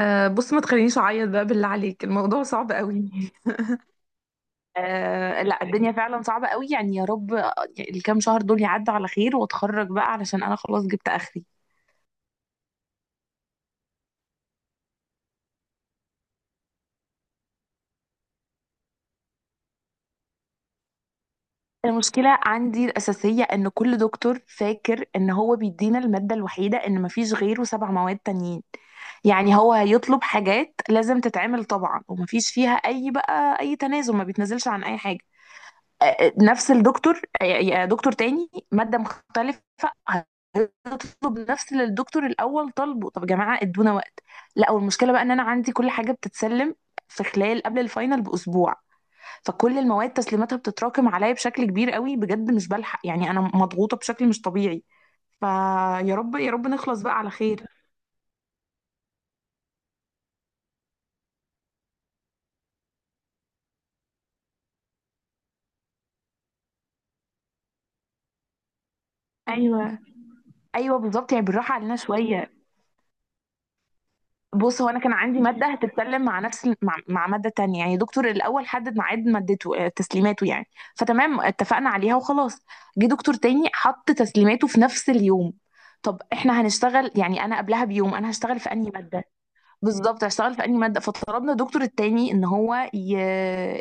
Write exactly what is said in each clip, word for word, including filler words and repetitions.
أه بص، ما تخلينيش اعيط بقى، بالله عليك. الموضوع صعب قوي. آه، لا، الدنيا فعلا صعبة قوي يعني، يا رب. آه، الكام شهر دول يعدوا على خير واتخرج بقى، علشان انا خلاص جبت اخري. المشكلة عندي الأساسية إن كل دكتور فاكر إن هو بيدينا المادة الوحيدة، إن مفيش غيره. سبع مواد تانيين. يعني هو هيطلب حاجات لازم تتعمل طبعا، ومفيش فيها أي بقى أي تنازل. ما بيتنازلش عن أي حاجة. آه، نفس الدكتور، آه، آه، دكتور تاني مادة مختلفة. هتطلب نفس اللي الدكتور الأول طالبه. طب يا جماعة، ادونا وقت. لا، والمشكلة بقى ان انا عندي كل حاجة بتتسلم في خلال، قبل الفاينل بأسبوع. فكل المواد تسليماتها بتتراكم عليا بشكل كبير قوي بجد، مش بلحق يعني، انا مضغوطة بشكل مش طبيعي. فيا رب يا رب نخلص بقى على خير. ايوه، ايوه، بالظبط يعني، بالراحة علينا شوية. بص، هو انا كان عندي ماده هتتكلم مع نفس مع, مع ماده تانية يعني. دكتور الاول حدد ميعاد مادته، آه، تسليماته يعني. فتمام، اتفقنا عليها وخلاص. جه دكتور تاني، حط تسليماته في نفس اليوم. طب احنا هنشتغل يعني، انا قبلها بيوم انا هشتغل في انهي ماده؟ بالظبط، هشتغل في انهي ماده؟ فطلبنا الدكتور التاني ان هو ي...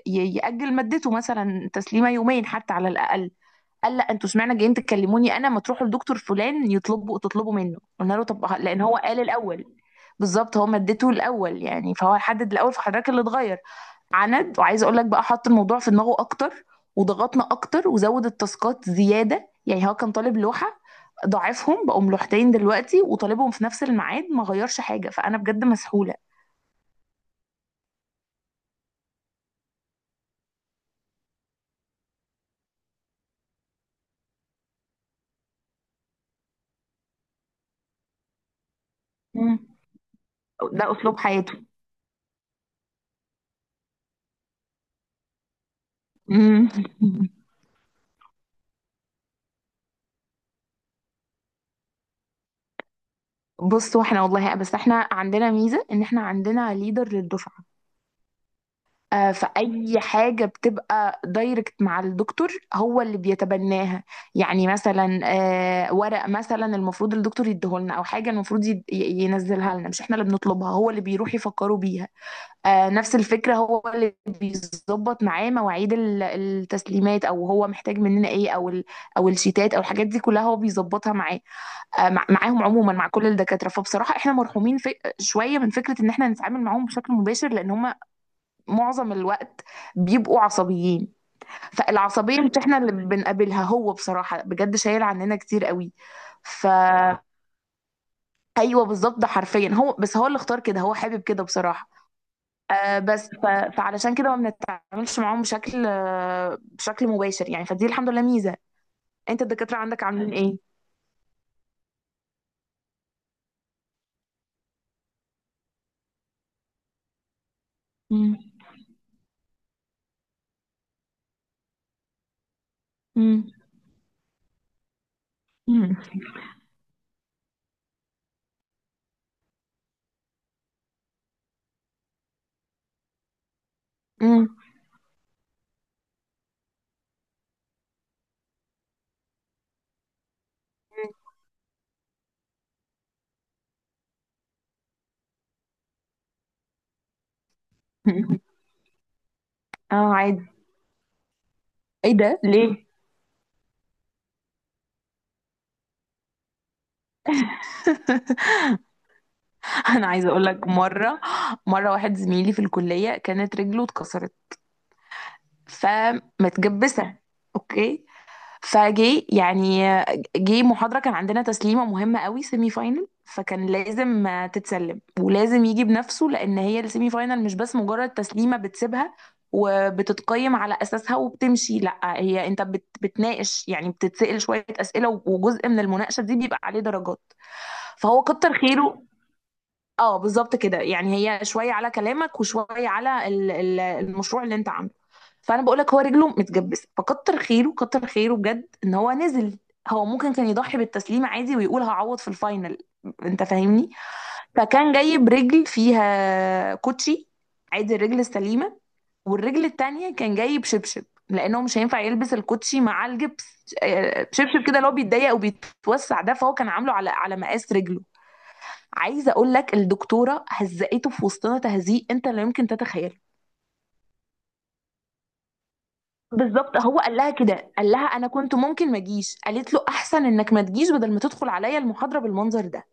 ي- ياجل مادته مثلا تسليمه يومين حتى على الاقل. قال لا، انتوا اشمعنى جايين تكلموني انا؟ ما تروحوا لدكتور فلان يطلبوا تطلبوا منه. قلنا له طب، لان هو قال الاول. بالظبط، هو مادته الاول يعني، فهو حدد الاول، فحضرتك اللي اتغير عند. وعايزه اقول لك بقى، حط الموضوع في دماغه اكتر وضغطنا اكتر، وزود التاسكات زياده يعني. هو كان طالب لوحه، ضاعفهم، بقوا لوحتين دلوقتي، وطالبهم في نفس الميعاد، ما غيرش حاجه. فانا بجد مسحوله. مم. ده اسلوب حياته. مم. بصوا، احنا والله بس احنا عندنا ميزه ان احنا عندنا ليدر للدفعه. آه، فأي حاجة بتبقى دايركت مع الدكتور، هو اللي بيتبناها. يعني مثلا، آه، ورق مثلا المفروض الدكتور يديهولنا، أو حاجة المفروض يد- ي- ينزلها لنا، مش احنا اللي بنطلبها. هو اللي بيروح يفكروا بيها. آه، نفس الفكرة، هو اللي بيظبط معاه مواعيد ال- التسليمات، أو هو محتاج مننا إيه، أو ال- أو الشيتات أو الحاجات دي كلها هو بيظبطها معاه. آه، مع- معاهم عموما، مع كل الدكاترة. فبصراحة احنا مرحومين في شوية من فكرة إن احنا نتعامل معاهم بشكل مباشر، لأن هم معظم الوقت بيبقوا عصبيين. فالعصبية مش احنا اللي بنقابلها، هو بصراحة بجد شايل عننا كتير قوي. ف ايوه بالظبط، ده حرفيا هو، بس هو اللي اختار كده، هو حابب كده بصراحة. آه بس ف... فعلشان كده ما بنتعاملش معاهم بشكل آه بشكل مباشر يعني، فدي الحمد لله ميزة. انت، الدكاترة عندك عاملين ايه؟ مم. مم. مم. مم. مم. اه، عادي. ايه ده ليه؟ انا عايزه اقول لك مره. مره واحد زميلي في الكليه كانت رجله اتكسرت، فمتجبسه. اوكي. فجي يعني جه محاضره، كان عندنا تسليمه مهمه قوي، سيمي فاينل، فكان لازم تتسلم، ولازم يجي بنفسه. لان هي السيمي فاينل مش بس مجرد تسليمه بتسيبها، وبتتقيم على اساسها وبتمشي. لا، هي انت بت بتناقش يعني، بتتسأل شويه اسئله، وجزء من المناقشه دي بيبقى عليه درجات. فهو كتر خيره. اه بالظبط كده يعني، هي شويه على كلامك وشويه على ال- ال- المشروع اللي انت عامله. فانا بقول لك، هو رجله متجبسه، فكتر خيره كتر خيره بجد ان هو نزل. هو ممكن كان يضحي بالتسليم عادي، ويقول هعوض في الفاينل. انت فاهمني؟ فكان جايب رجل فيها كوتشي، عادي، الرجل السليمه. والرجل التانية كان جايب شبشب، لانه مش هينفع يلبس الكوتشي مع الجبس. آه، شبشب كده اللي هو بيتضيق وبيتوسع ده، فهو كان عامله على على مقاس رجله. عايزه اقول لك، الدكتوره هزقته في وسطنا تهزيق انت لا يمكن تتخيله. بالظبط، هو قال لها كده، قال لها انا كنت ممكن ما اجيش، قالت له احسن انك ما تجيش بدل ما تدخل عليا المحاضره بالمنظر ده.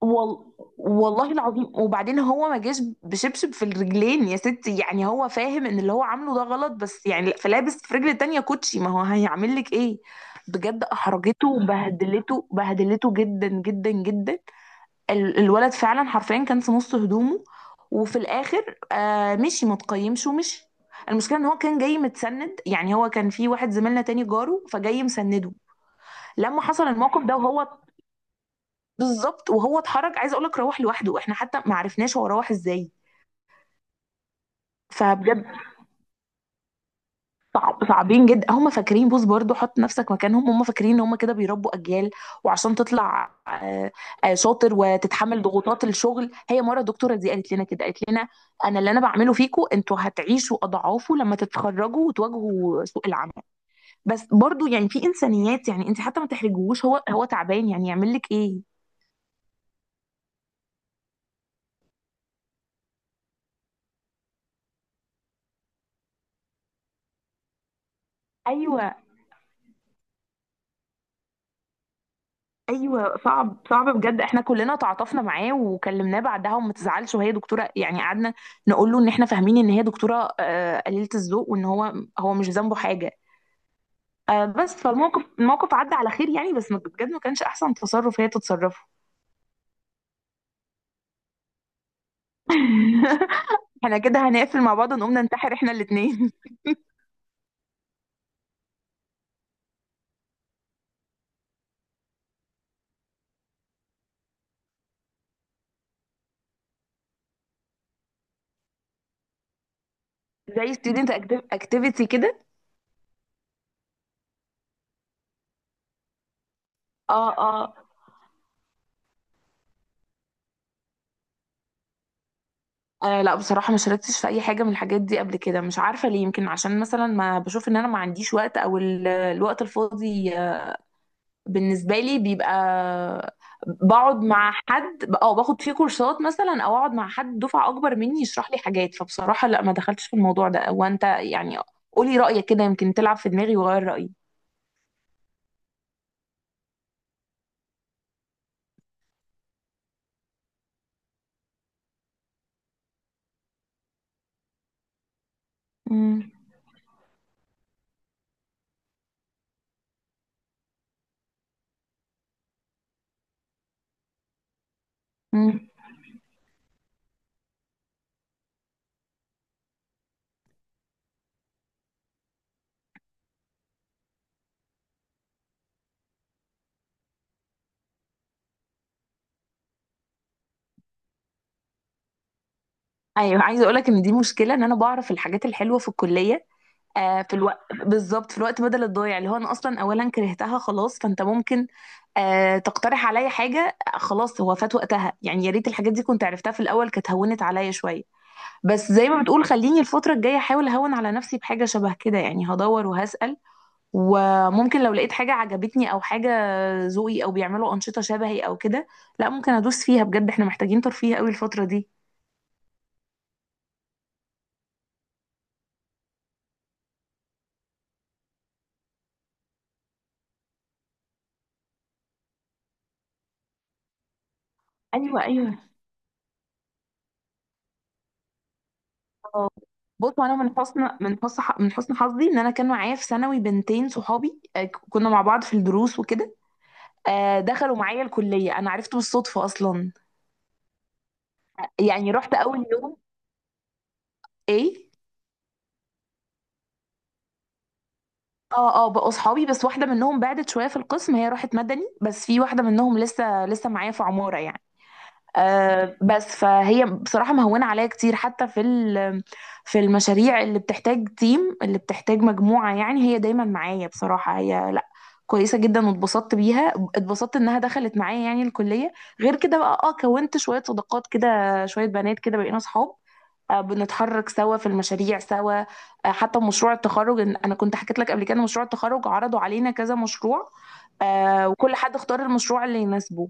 وال... والله العظيم، وبعدين هو ما جاش بشبشب في الرجلين يا ستي، يعني هو فاهم ان اللي هو عامله ده غلط، بس يعني فلابس في رجل التانية كوتشي، ما هو هيعمل لك ايه. بجد احرجته وبهدلته، بهدلته جدا جدا جدا. ال- الولد فعلا حرفيا كان في نص هدومه، وفي الاخر آه مشي متقيمش ومشي. المشكله ان هو كان جاي متسند، يعني هو كان في واحد زميلنا تاني جاره فجاي مسنده. لما حصل الموقف ده وهو، بالظبط، وهو اتحرك عايزه اقول لك، روح لوحده، احنا حتى ما عرفناش هو روح ازاي. فبجد، صعب، صعبين جدا. هم فاكرين، بص برضو حط نفسك مكانهم، هم فاكرين ان هم كده بيربوا اجيال. وعشان تطلع آه، آه، شاطر وتتحمل ضغوطات الشغل. هي مره الدكتوره دي قالت لنا كده، قالت لنا انا، اللي انا بعمله فيكم، انتوا هتعيشوا اضعافه لما تتخرجوا وتواجهوا سوق العمل. بس برضو يعني، في انسانيات يعني، انت حتى ما تحرجوش، هو هو تعبان يعني، يعمل لك ايه. ايوه، ايوه، صعب صعب بجد. احنا كلنا تعاطفنا معاه وكلمناه بعدها، وما تزعلش وهي دكتوره يعني، قعدنا نقول له ان احنا فاهمين ان هي دكتوره، آه، قليله الذوق، وان هو هو مش ذنبه حاجه. آه، بس فالموقف، الموقف عدى على خير يعني، بس ما- بجد ما كانش احسن تصرف هي تتصرفه. احنا كده هنقفل مع بعض ونقوم ننتحر احنا الاثنين. زي ستودنت اكتيفيتي كده. اه، اه. آه، لا، بصراحة ما شاركتش في أي حاجة من الحاجات دي قبل كده، مش عارفة ليه. يمكن عشان مثلا ما بشوف إن أنا ما عنديش وقت، أو ال- الوقت الفاضي بالنسبة لي بيبقى بقعد مع حد، او باخد فيه كورسات مثلا، او اقعد مع حد دفعة اكبر مني يشرح لي حاجات. فبصراحة لا، ما دخلتش في الموضوع ده. وانت يعني، قولي رأيك كده، يمكن تلعب في دماغي وغير رأيي. امم. امم. ايوه، عايزة اقولك ان دي مشكلة، ان انا بعرف الحاجات الحلوة في الكلية آه في الوقت، بالظبط، في الوقت بدل الضايع، اللي هو انا اصلا اولا كرهتها خلاص. فانت ممكن آه تقترح عليا حاجة. آه، خلاص هو فات وقتها يعني، يا ريت الحاجات دي كنت عرفتها في الاول، كانت هونت عليا شوية. بس زي ما بتقول، خليني الفترة الجاية احاول اهون على نفسي بحاجة شبه كده يعني، هدور وهسأل، وممكن لو لقيت حاجة عجبتني او حاجة ذوقي، او بيعملوا أنشطة شبهي او كده، لا ممكن ادوس فيها. بجد احنا محتاجين ترفيه قوي الفترة دي. ايوه، ايوه. آه. بص، انا من حسن من حسن من حسن حظي ان انا كان معايا في ثانوي بنتين صحابي، آه، كنا مع بعض في الدروس وكده. آه، دخلوا معايا الكلية، انا عرفته بالصدفة اصلا. يعني رحت اول يوم، ايه. اه، اه، بقوا صحابي. بس واحدة منهم بعدت شوية في القسم، هي راحت مدني، بس في واحدة منهم لسه لسه معايا في عمارة يعني. آه بس فهي بصراحة مهونة عليا كتير، حتى في ال- في المشاريع اللي بتحتاج تيم، اللي بتحتاج مجموعة يعني، هي دايما معايا بصراحة. هي لا، كويسة جدا، واتبسطت بيها، اتبسطت انها دخلت معايا يعني الكلية. غير كده بقى، اه، كونت شوية صداقات كده، شوية بنات كده بقينا صحاب. آه، بنتحرك سوا، في المشاريع سوا، آه، حتى مشروع التخرج إن- انا كنت حكيت لك قبل كده، مشروع التخرج عرضوا علينا كذا مشروع. آه، وكل حد اختار المشروع اللي يناسبه.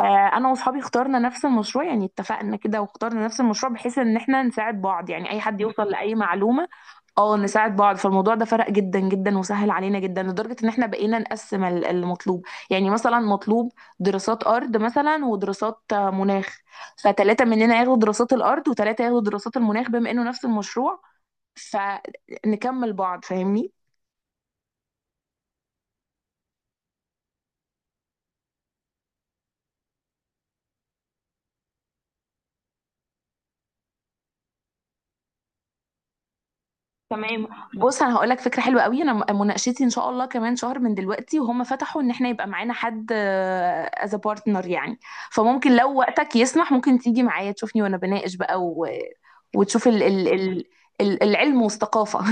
آه، انا واصحابي اخترنا نفس المشروع يعني، اتفقنا كده واخترنا نفس المشروع بحيث ان احنا نساعد بعض، يعني اي حد يوصل لاي معلومة. اه، نساعد بعض. فالموضوع ده فرق جدا جدا، وسهل علينا جدا لدرجة ان احنا بقينا نقسم ال- المطلوب يعني، مثلا مطلوب دراسات ارض مثلا، ودراسات، آه، مناخ. فتلاتة مننا ياخدوا دراسات الارض، وتلاتة ياخدوا دراسات المناخ، بما انه نفس المشروع، فنكمل بعض. فاهمني؟ تمام. بص انا هقول لك فكره حلوه قوي. انا م- مناقشتي ان شاء الله كمان شهر من دلوقتي، وهم فتحوا ان احنا يبقى معانا حد از بارتنر يعني. فممكن لو وقتك يسمح، ممكن تيجي معايا تشوفني وانا بناقش بقى و... وتشوف ال... ال... ال... ال- العلم والثقافه.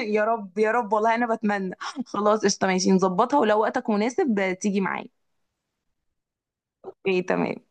يا رب يا رب والله انا بتمنى. خلاص، قشطه ماشي نظبطها، ولو وقتك مناسب آه، تيجي معايا. ايه، تمام.